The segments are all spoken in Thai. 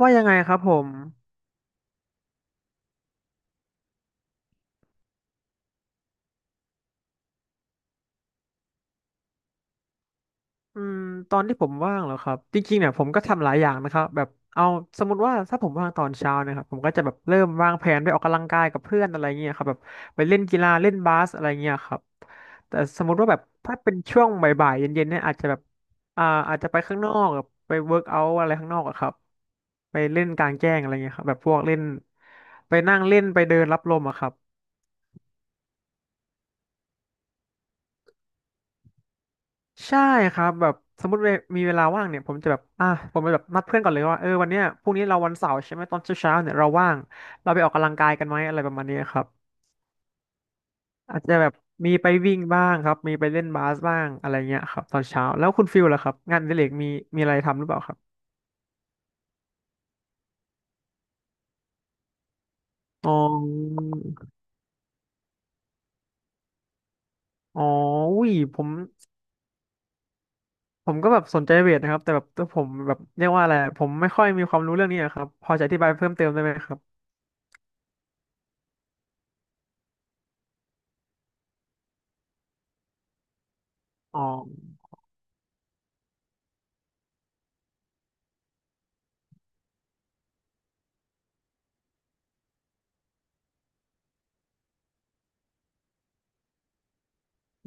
ว่ายังไงครับผมอืมตอนที่ผมว่างเหรอครับจริงๆเนี่ยผมก็ทำหลายอย่างนะครับแบบเอาสมมติว่าถ้าผมว่างตอนเช้านะครับผมก็จะแบบเริ่มวางแผนไปออกกำลังกายกับเพื่อนอะไรเงี้ยครับแบบไปเล่นกีฬาเล่นบาสอะไรเงี้ยครับแต่สมมติว่าแบบถ้าเป็นช่วงบ่ายๆเย็นๆเนี่ยอาจจะแบบอาจจะไปข้างนอกแบบไปเวิร์กเอาท์อะไรข้างนอกอะครับไปเล่นกลางแจ้งอะไรเงี้ยครับแบบพวกเล่นไปนั่งเล่นไปเดินรับลมอะครับ ใช่ครับแบบสมมติเวมีเวลาว่างเนี่ยผมจะแบบอ่ะผมจะแบบนัดเพื่อนก่อนเลยว่าเออวันเนี้ยพรุ่งนี้เราวันเสาร์ใช่ไหมตอนเช้าเเนี่ยเราว่างเราไปออกกำลังกายกันไหมอะไรประมาณนี้ครับอาจจะแบบมีไปวิ่งบ้างครับมีไปเล่นบาสบ้างอะไรเงี้ยครับตอนเช้าแล้วคุณฟิลล่ะครับงานอดิเรกมีมีอะไรทำหรือเปล่าครับอ๋ออ๋ออุ้ยผมผมก็แบบสนใจเวทนะครับแต่แบบตัวผมแบบเรียกว่าอะไรผมไม่ค่อยมีความรู้เรื่องนี้อะครับพอจะอธิบายเพิ่มเติมได้ไหมครับอ๋อ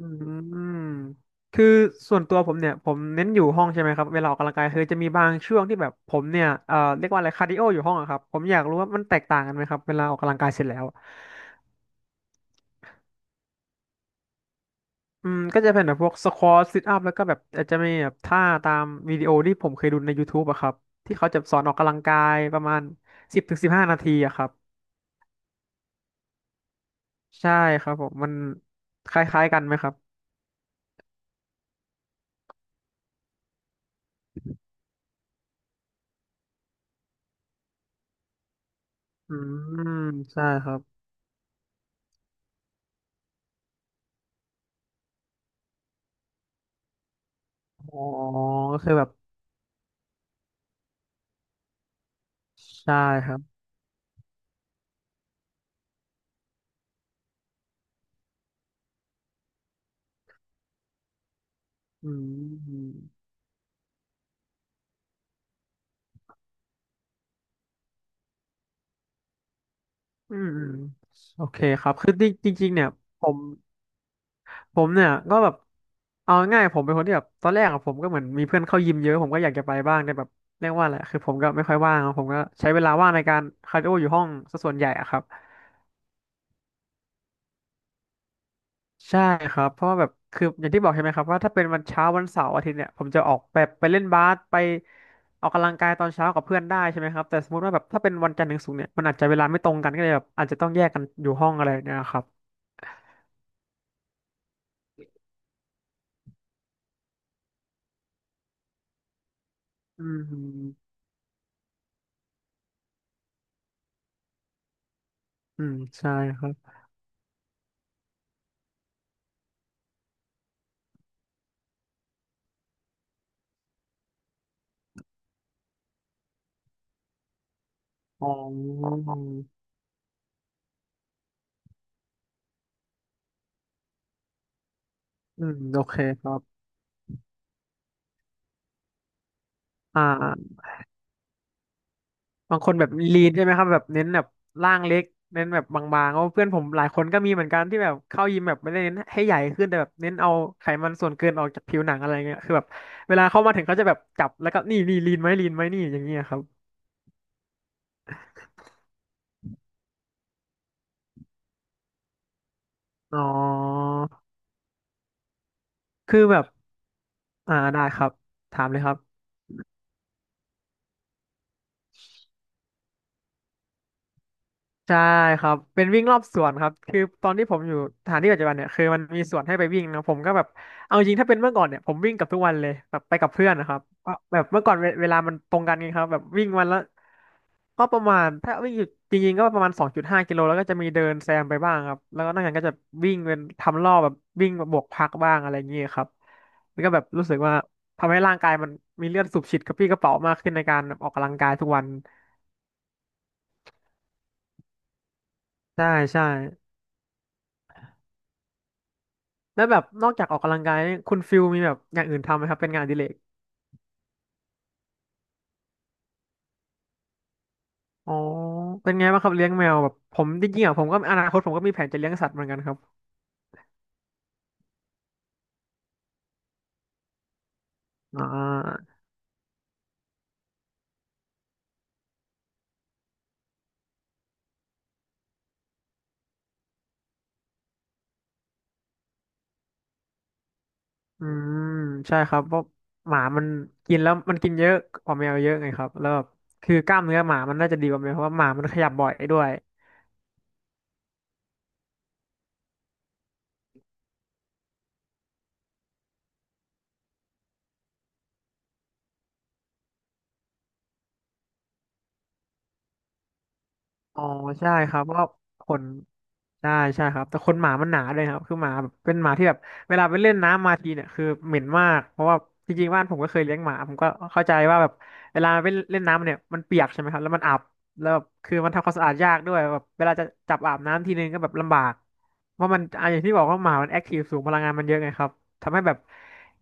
อืมคือส่วนตัวผมเนี่ยผมเน้นอยู่ห้องใช่ไหมครับเวลาออกกำลังกายคือจะมีบางช่วงที่แบบผมเนี่ยเอ่อเรียกว่าอะไรคาร์ดิโออยู่ห้องอะครับผมอยากรู้ว่ามันแตกต่างกันไหมครับเวลาออกกำลังกายเสร็จแล้วอืมก็จะเป็นแบบพวกสควอตซิทอัพแล้วก็แบบอาจจะมีแบบท่าตามวิดีโอที่ผมเคยดูในย o u ูบอะครับที่เขาจะสอนออกกำลังกายประมาณ10-15 นาทีอะครับใช่ครับผมมันคล้ายๆกันไหมครับอืมใช่ครับอ๋อก็คือแบบใช่ครับอืม อืมอืมโอเคครับคือจริงจริงๆเนี่ยผมผมเนี่ยก็แบบเอาง่ายๆผมเป็นคนที่แบบตอนแรกอะผมก็เหมือนมีเพื่อนเข้ายิมเยอะผมก็อยากจะไปบ้างแต่แบบเรียกว่าอะไรคือผมก็ไม่ค่อยว่างอะผมก็ใช้เวลาว่างในการคาร์ดิโออยู่ห้องซะส่วนใหญ่อะครับใช่ครับเพราะว่าแบบคืออย่างที่บอกใช่ไหมครับว่าถ้าเป็นวันเช้าวันเสาร์อาทิตย์เนี่ยผมจะออกแบบไปเล่นบาสไปออกกำลังกายตอนเช้ากับเพื่อนได้ใช่ไหมครับแต่สมมติว่าแบบถ้าเป็นวันจันทร์ถึงศุกร์เนี่ยมันอาจจะเวลาไม่ตรงกันก็เลยแบบอาจจะต้องแยกกันอยู่ห้องอะไรเนี่ยครับอืม อืมใช่ครับอ๋ออืมโอเคครับอ่าบางคนแบบลีนใช่ไหมครับแบบเน้นแบบร่างเล็กเน้นแบบบางๆเพราะเพื่อนผมหลายคนก็มีเหมือนกันที่แบบเข้ายิมแบบไม่ได้เน้นให้ใหญ่ขึ้นแต่แบบเน้นเอาไขมันส่วนเกินออกจากผิวหนังอะไรเงี้ยคือแบบเวลาเข้ามาถึงเขาจะแบบจับแล้วก็นี่นี่ลีนไหมลีนไหมนี่อย่างเงี้ยครับอ๋อคือแบบอ่าได้ครับถามเลยครับ ใช่ครับเป็นวิ่งรอบสวนครับคือตอนที่ผมอยู่สถานที่ปัจจุบันเนี่ยคือมันมีสวนให้ไปวิ่งนะผมก็แบบเอาจริงถ้าเป็นเมื่อก่อนเนี่ยผมวิ่งกับทุกวันเลยแบบไปกับเพื่อนนะครับก็แบบเมื่อก่อนเวลามันตรงกันไงครับแบบวิ่งวันละก็ประมาณถ้าวิ่งอยู่จริงๆก็ประมาณ2.5 กิโลแล้วก็จะมีเดินแซมไปบ้างครับแล้วก็นอกจากนั้นก็จะวิ่งเป็นทำรอบแบบวิ่งบวกพักบ้างอะไรอย่างเงี้ยครับมันก็แบบรู้สึกว่าทำให้ร่างกายมันมีเลือดสูบฉีดกระปรี้กระเป๋ามากขึ้นในการออกกำลังกายทุกวันใช่ใช่ แล้วแบบนอกจากออกกำลังกายเนี่ยคุณฟิลมีแบบอย่างอื่นทำไหมครับเป็นงานอดิเรกอ๋อเป็นไงบ้างครับเลี้ยงแมวแบบผมจริงๆอ่ะผมก็อนาคตผมก็มีแผนจะเลี้ยงสัตว์เหมือนกันครับอ่าอืมใช่ครับเพราะหมามันกินแล้วมันกินเยอะกว่าแมวเยอะไงครับแล้วแบบคือกล้ามเนื้อหมามันน่าจะดีกว่าแมวเพราะว่าหมามันขยับบ่อยด้วย อ๋อใช่ครับเพราะว่าขนใช่ใช่ครับแต่ขนหมามันหนาเลยครับคือหมาแบบเป็นหมาที่แบบเวลาไปเล่นน้ำมาทีเนี่ยคือเหม็นมากเพราะว่าจริงๆบ้านผมก็เคยเลี้ยงหมาผมก็เข้าใจว่าแบบเวลาไปเล่นน้ำเนี่ยมันเปียกใช่ไหมครับแล้วมันอับแล้วแบบคือมันทำความสะอาดยากด้วยแบบเวลาจะจับอาบน้ำทีนึงก็แบบลำบากเพราะมันอ่ะอย่างที่บอกว่าหมามันแอคทีฟสูงพลังงานมันเยอะไงครับทำให้แบบ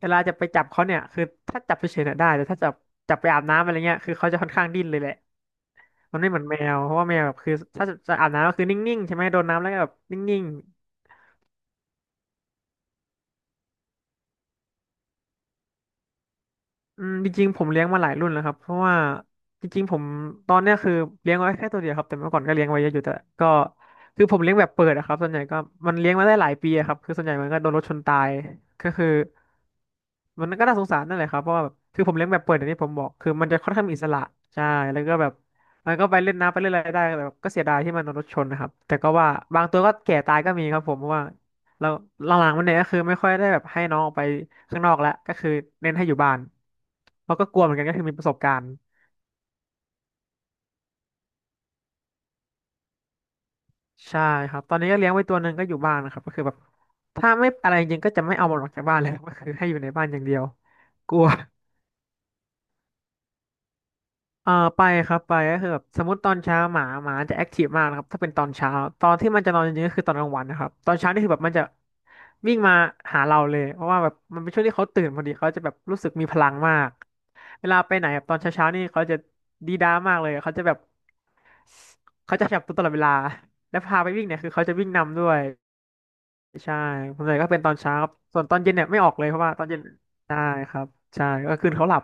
เวลาจะไปจับเขาเนี่ยคือถ้าจับเฉยๆเนี่ยได้แต่ถ้าจับจับไปอาบน้ำอะไรเงี้ยคือเขาจะค่อนข้างดิ้นเลยแหละ มันไม่เหมือนแมวเพราะว่าแมวแบบคือถ้าจะอาบน้ำก็คือนิ่งๆใช่ไหมโดนน้ำแล้วก็แบบนิ่งๆอืมจริงๆผมเลี้ยงมาหลายรุ่นแล้วครับเพราะว่าจริงๆผมตอนเนี้ยคือเลี้ยงไว้แค่ตัวเดียวครับแต่เมื่อก่อนก็เลี้ยงไว้เยอะอยู่แต่ก็คือผมเลี้ยงแบบเปิดอะครับส่วนใหญ่ก็มันเลี้ยงมาได้หลายปีอะครับคือส่วนใหญ่มันก็โดนรถชนตายก็คือ มันก็น่าสงสารนั่นแหละครับเพราะว่าแบบคือผมเลี้ยงแบบเปิดอย่างที่ผมบอกคือมันจะค่อนข้างมีอิสระใช่แล้วก็แบบมันก็ไปเล่นน้ำไปเล่นอะไรได้แต่แบบก็เสียดายที่มันโดนรถชนนะครับแต่ก็ว่าบางตัวก็แก่ตายก็มีครับผมเพราะว่าเราหลังๆมันเนี่ยก็คือไม่ค่อยได้แบบให้น้องออกไปข้างนอกแล้วก็คือเน้นให้อยู่บ้านเพราะก็กลัวเหมือนกันก็คือมีประสบการณ์ใช่ครับตอนนี้ก็เลี้ยงไว้ตัวหนึ่งก็อยู่บ้านนะครับก็คือแบบถ้าไม่อะไรจริงก็จะไม่เอามันออกจากบ้านเลยครับ ก็คือให้อยู่ในบ้านอย่างเดียวกลัว ไปครับไปก็คือแบบสมมติตอนเช้าหมาจะแอคทีฟมากนะครับถ้าเป็นตอนเช้าตอนที่มันจะนอนจริงๆก็คือตอนกลางวันนะครับตอนเช้านี่คือแบบมันจะวิ่งมาหาเราเลยเพราะว่าแบบมันเป็นช่วงที่เขาตื่นพอดีเขาจะแบบรู้สึกมีพลังมากเวลาไปไหนแบบตอนเช้าๆนี่เขาจะดีด้ามากเลยเขาจะแบบเขาจะขยับตัวตลอดเวลาและพาไปวิ่งเนี่ยคือเขาจะวิ่งนำด้วย ใช่ส่วนใหญ่ก็เป็นตอนเช้าครับส่วนตอนเย็นเนี่ยไม่ออกเลยเพราะว่าตอนเย็นใช่ครับใช่ก็คืนเขาหลับ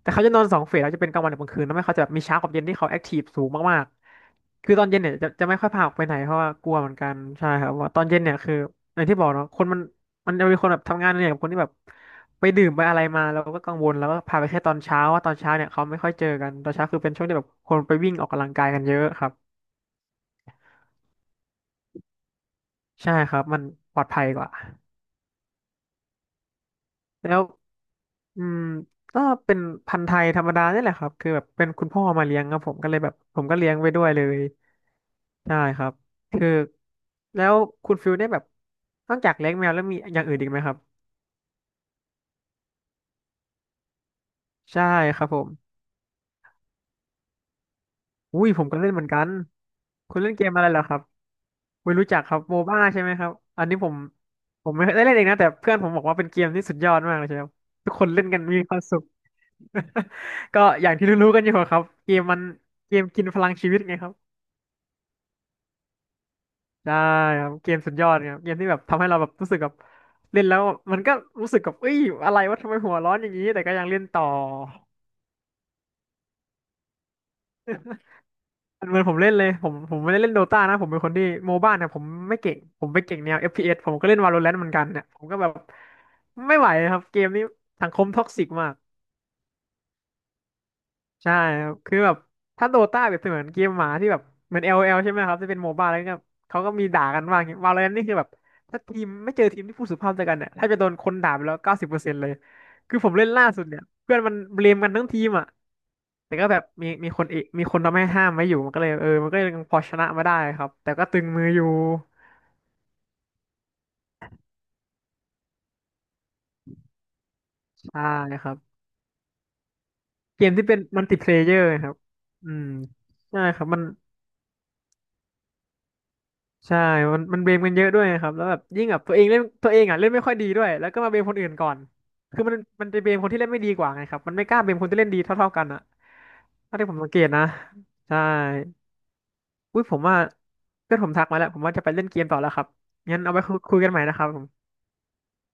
แต่เขาจะนอน2 เฟสเขาจะเป็นกลางวันกับกลางคืนแล้วไม่เขาจะแบบมีเช้ากับเย็นที่เขาแอคทีฟสูงมากๆคือตอนเย็นเนี่ยจะไม่ค่อยพาออกไปไหนเพราะว่ากลัวเหมือนกันใช่ครับว่าตอนเย็นเนี่ยคืออย่างที่บอกเนาะคนมันจะมีคนแบบทำงานเนี่ยกับคนที่แบบไปดื่มไปอะไรมาแล้วก็กังวลแล้วก็พาไปแค่ตอนเช้าว่าตอนเช้าเนี่ยเขาไม่ค่อยเจอกันตอนเช้าคือเป็นช่วงที่แบบคนไปวิ่งออกกำลังกายกันเยอะครับใช่ครับมันปลอดภัยกว่าแล้ว อืมก็เป็นพันธุ์ไทยธรรมดานี่แหละครับคือแบบเป็นคุณพ่อมาเลี้ยงครับผมก็เลยแบบผมก็เลี้ยงไปด้วยเลยใช่ครับคือแล้วคุณฟิลได้แบบนอกจากเลี้ยงแมวแล้วมีอย่างอื่นอีกไหมครับใช่ครับผมอุ้ยผมก็เล่นเหมือนกันคุณเล่นเกมอะไรเหรอครับไม่รู้จักครับโมบ้าใช่ไหมครับอันนี้ผมไม่ได้เล่นเองนะแต่เพื่อนผมบอกว่าเป็นเกมที่สุดยอดมากเลยใช่ครับทุกคนเล่นกันมีความสุข ก็อย่างที่รู้ๆกันอยู่ครับเกมมันเกมกินพลังชีวิตไงครับ ได้ครับเกมสุดยอดครับเกมที่แบบทำให้เราแบบรู้สึกแบบเล่นแล้วมันก็รู้สึกกับเอ้ยอะไรวะทำไมหัวร้อนอย่างนี้แต่ก็ยังเล่นต่อ เหมือนผมเล่นเลยผมไม่ได้เล่นโดตานะผมเป็นคนที่โมบ้าเนี่ยผมไม่เก่งผมไปเก่งแนว FPS ผมก็เล่น Valorant เหมือนกันเนี่ยผมก็แบบไม่ไหวครับเกมนี้สังคมท็อกซิกมาก ใช่ครับคือแบบถ้าโดต้าเปรียบเสมือนเกมหมาที่แบบเหมือน LOL ใช่ไหมครับที่เป็นโมบ้าแล้วเนี่ยเขาก็มีด่ากันบ้างวาโลแรนนี่คือแบบถ้าทีมไม่เจอทีมที่พูดสุภาพเจอกันเนี่ยถ้าจะโดนคนด่าไปแล้ว90%เลยคือผมเล่นล่าสุดเนี่ยเพื่อนมันเบลมกันทั้งทีมอ่ะแต่ก็แบบมีคนเอมีคนทำให้ห้ามไว้อยู่มันก็เลยเออมันก็ยังพอชนะมาได้ครับแต่ก็ตึงมืออยู่ใช่ครับเกมที่เป็นมัลติเพลเยอร์ครับอืมใช่ครับมัน ใช่มันเบลมกันเยอะด้วยนะครับแล้วแบบยิ่งแบบตัวเองเล่นตัวเองอ่ะเล่นไม่ค่อยดีด้วยแล้วก็มาเบลมคนอื่นก่อน คือมันจะเบลมคนที่เล่นไม่ดีกว่าไงครับมันไม่กล้าเบลมคนที่เล่นดีเท่าๆกันอ่ะถ้าที่ผมสังเกตนะใช่อุ้ยผมว่าเพื่อนผมทักมาแล้วผมว่าจะไปเล่นเกมต่อแล้วครับงั้นเอาไว้คุยกันใหม่นะครับผม